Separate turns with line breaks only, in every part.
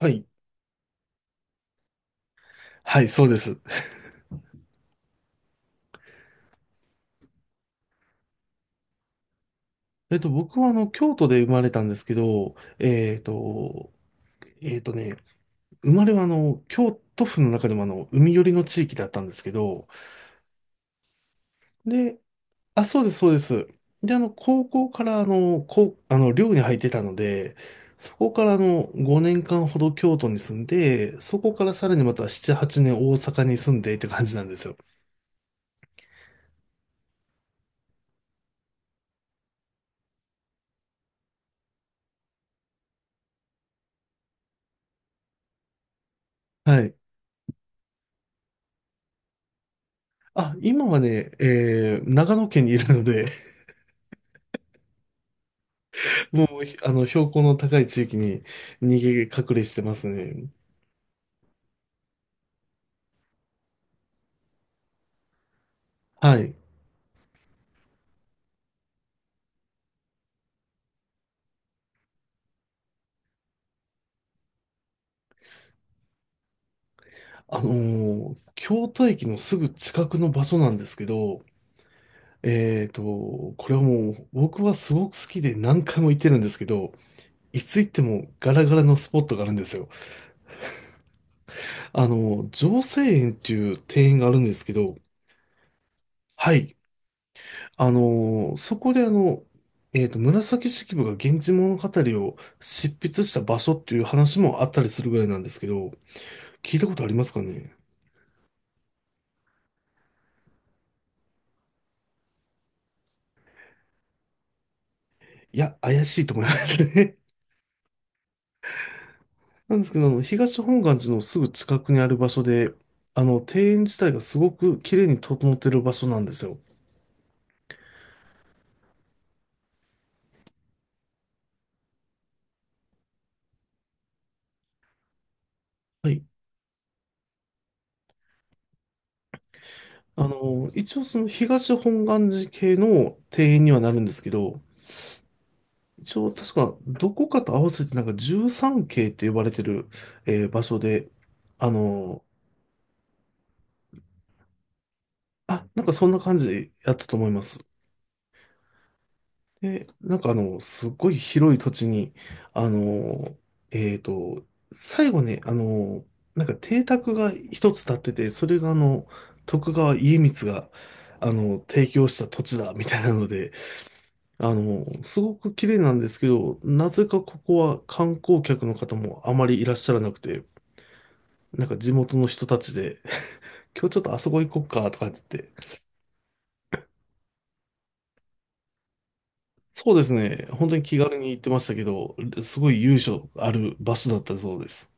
はい。はい、そうです。僕は京都で生まれたんですけど、えっとね、生まれは京都府の中でも海寄りの地域だったんですけど、で、あ、そうです、そうです。で、高校から寮に入ってたので、そこから5年間ほど京都に住んで、そこからさらにまた7、8年大阪に住んでって感じなんですよ。はい。あ、今はね、長野県にいるのでもう、ひあの、標高の高い地域に逃げ隠れしてますね。はい。あの京都駅のすぐ近くの場所なんですけど、えーと、これはもう僕はすごく好きで何回も行ってるんですけど、いつ行ってもガラガラのスポットがあるんですよ。城西園っていう庭園があるんですけど、はい。そこで紫式部が源氏物語を執筆した場所っていう話もあったりするぐらいなんですけど、聞いたことありますかね？いや、怪しいと思いますね。なんですけど、東本願寺のすぐ近くにある場所で、庭園自体がすごく綺麗に整ってる場所なんですよ。はい。一応その東本願寺系の庭園にはなるんですけど、一応確かどこかと合わせてなんか13系って呼ばれてる、場所で、あの、あ、なんかそんな感じやったと思います。で、なんかすっごい広い土地に、あの、えっと、最後ね、なんか邸宅が一つ建ってて、それが徳川家光が、提供した土地だ、みたいなので、すごく綺麗なんですけど、なぜかここは観光客の方もあまりいらっしゃらなくて、なんか地元の人たちで、今日ちょっとあそこ行こっか、とかって言って、そうですね、本当に気軽に行ってましたけど、すごい由緒ある場所だったそうです。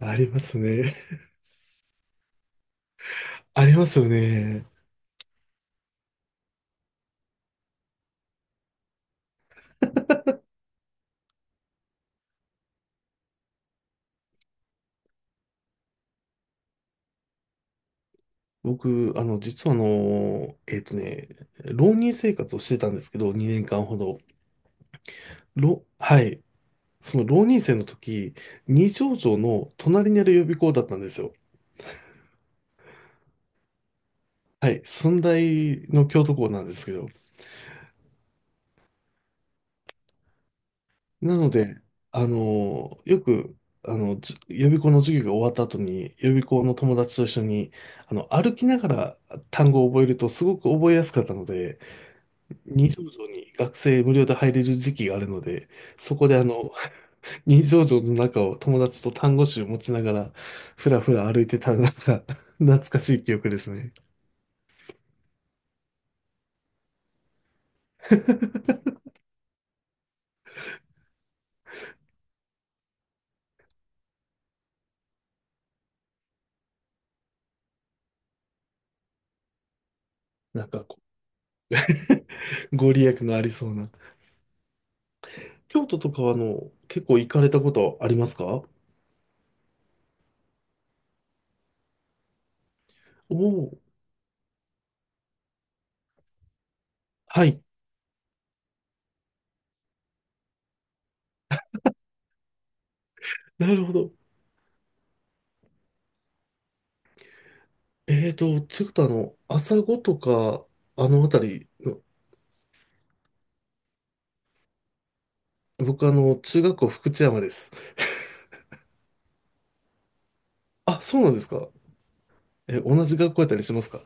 ありますね。ありますよね。僕、実は浪人生活をしてたんですけど、2年間ほど。はい。その浪人生の時、二条城の隣にある予備校だったんですよ。はい。駿台の京都校なんですけど。なので、よく、予備校の授業が終わった後に、予備校の友達と一緒に、歩きながら単語を覚えるとすごく覚えやすかったので、二条城に学生無料で入れる時期があるので、そこで二条城の中を友達と単語集を持ちながら、ふらふら歩いてたのが 懐かしい記憶ですね。なんかこう、ご利益のありそうな。京都とかは結構行かれたことありますか？おおー、はい。なるほど。ということは朝子とか、あの辺りの、僕中学校福知山です。あ、そうなんですか？同じ学校やったりしますか？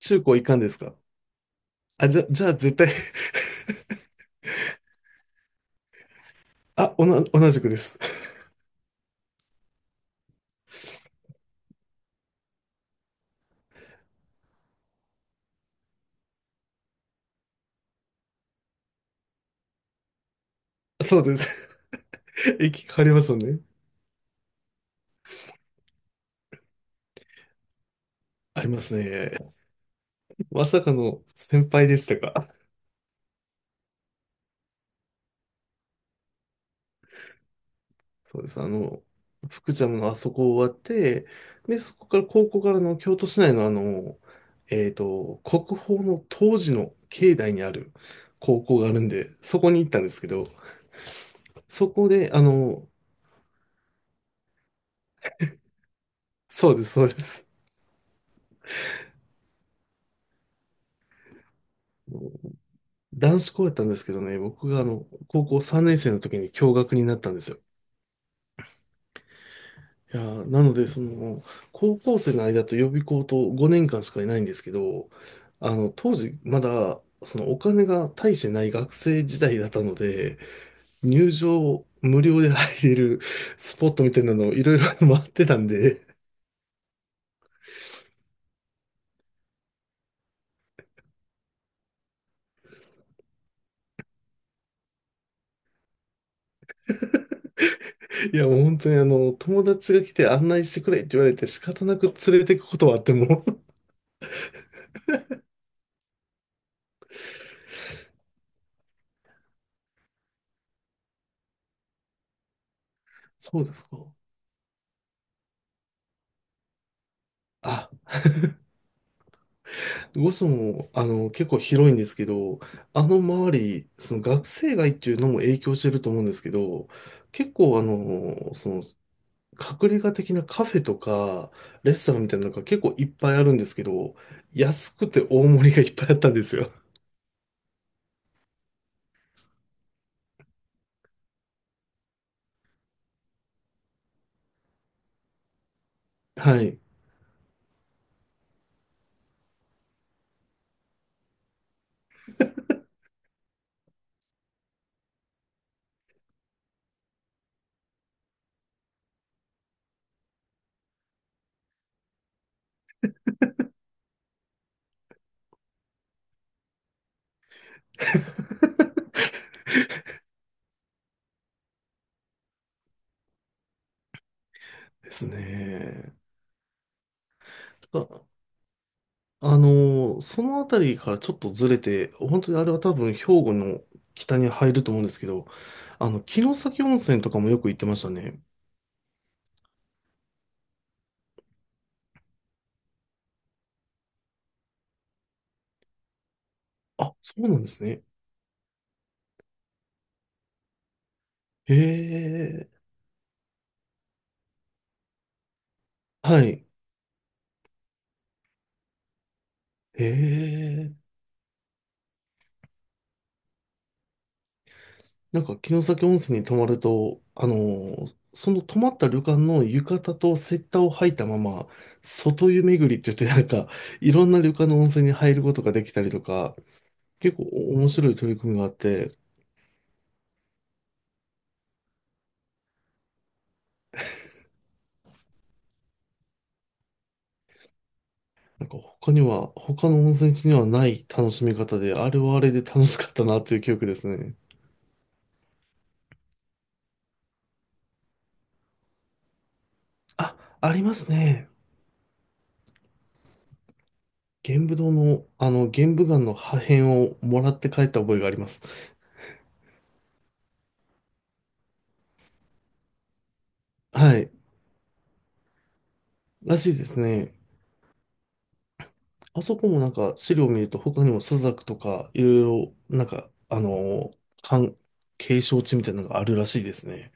中高一貫ですか？あ、じゃあ絶対。あ、同じくです。そうです。駅変わりますよね。ありますね。まさかの先輩でしたか？そうです。福ちゃんのあそこ終わって、で、そこから高校からの京都市内の国宝の当時の境内にある高校があるんで、そこに行ったんですけど、そこで、そうです、そうです。男子校やったんですけどね、僕が高校3年生の時に共学になったんですよ。いやー、なので、その、高校生の間と予備校と5年間しかいないんですけど、当時、まだ、そのお金が大してない学生時代だったので、入場無料で入れるスポットみたいなのをいろいろ回ってたんで、いや、もう本当に友達が来て案内してくれって言われて仕方なく連れてくことはあっても、そうですか。あ、魚市も、結構広いんですけど、あの周り、その学生街っていうのも影響してると思うんですけど、結構隠れ家的なカフェとか、レストランみたいなのが結構いっぱいあるんですけど、安くて大盛りがいっぱいあったんですよ。はい。ですね。あ、その辺りからちょっとずれて、本当にあれは多分兵庫の北に入ると思うんですけど、城崎温泉とかもよく行ってましたね。あ、そうなんですね。へえ、はい。へえ、なんか城崎温泉に泊まると、その泊まった旅館の浴衣とセッターを履いたまま、外湯巡りって言ってなんか、いろんな旅館の温泉に入ることができたりとか、結構面白い取り組みがあって、なんか他には、他の温泉地にはない楽しみ方で、あれはあれで楽しかったなという記憶ですね。あ、ありますね。玄武堂の、玄武岩の破片をもらって帰った覚えがあります。はい。らしいですね。あそこもなんか資料を見ると他にもスザクとかいろいろなんかかん、景勝地みたいなのがあるらしいですね。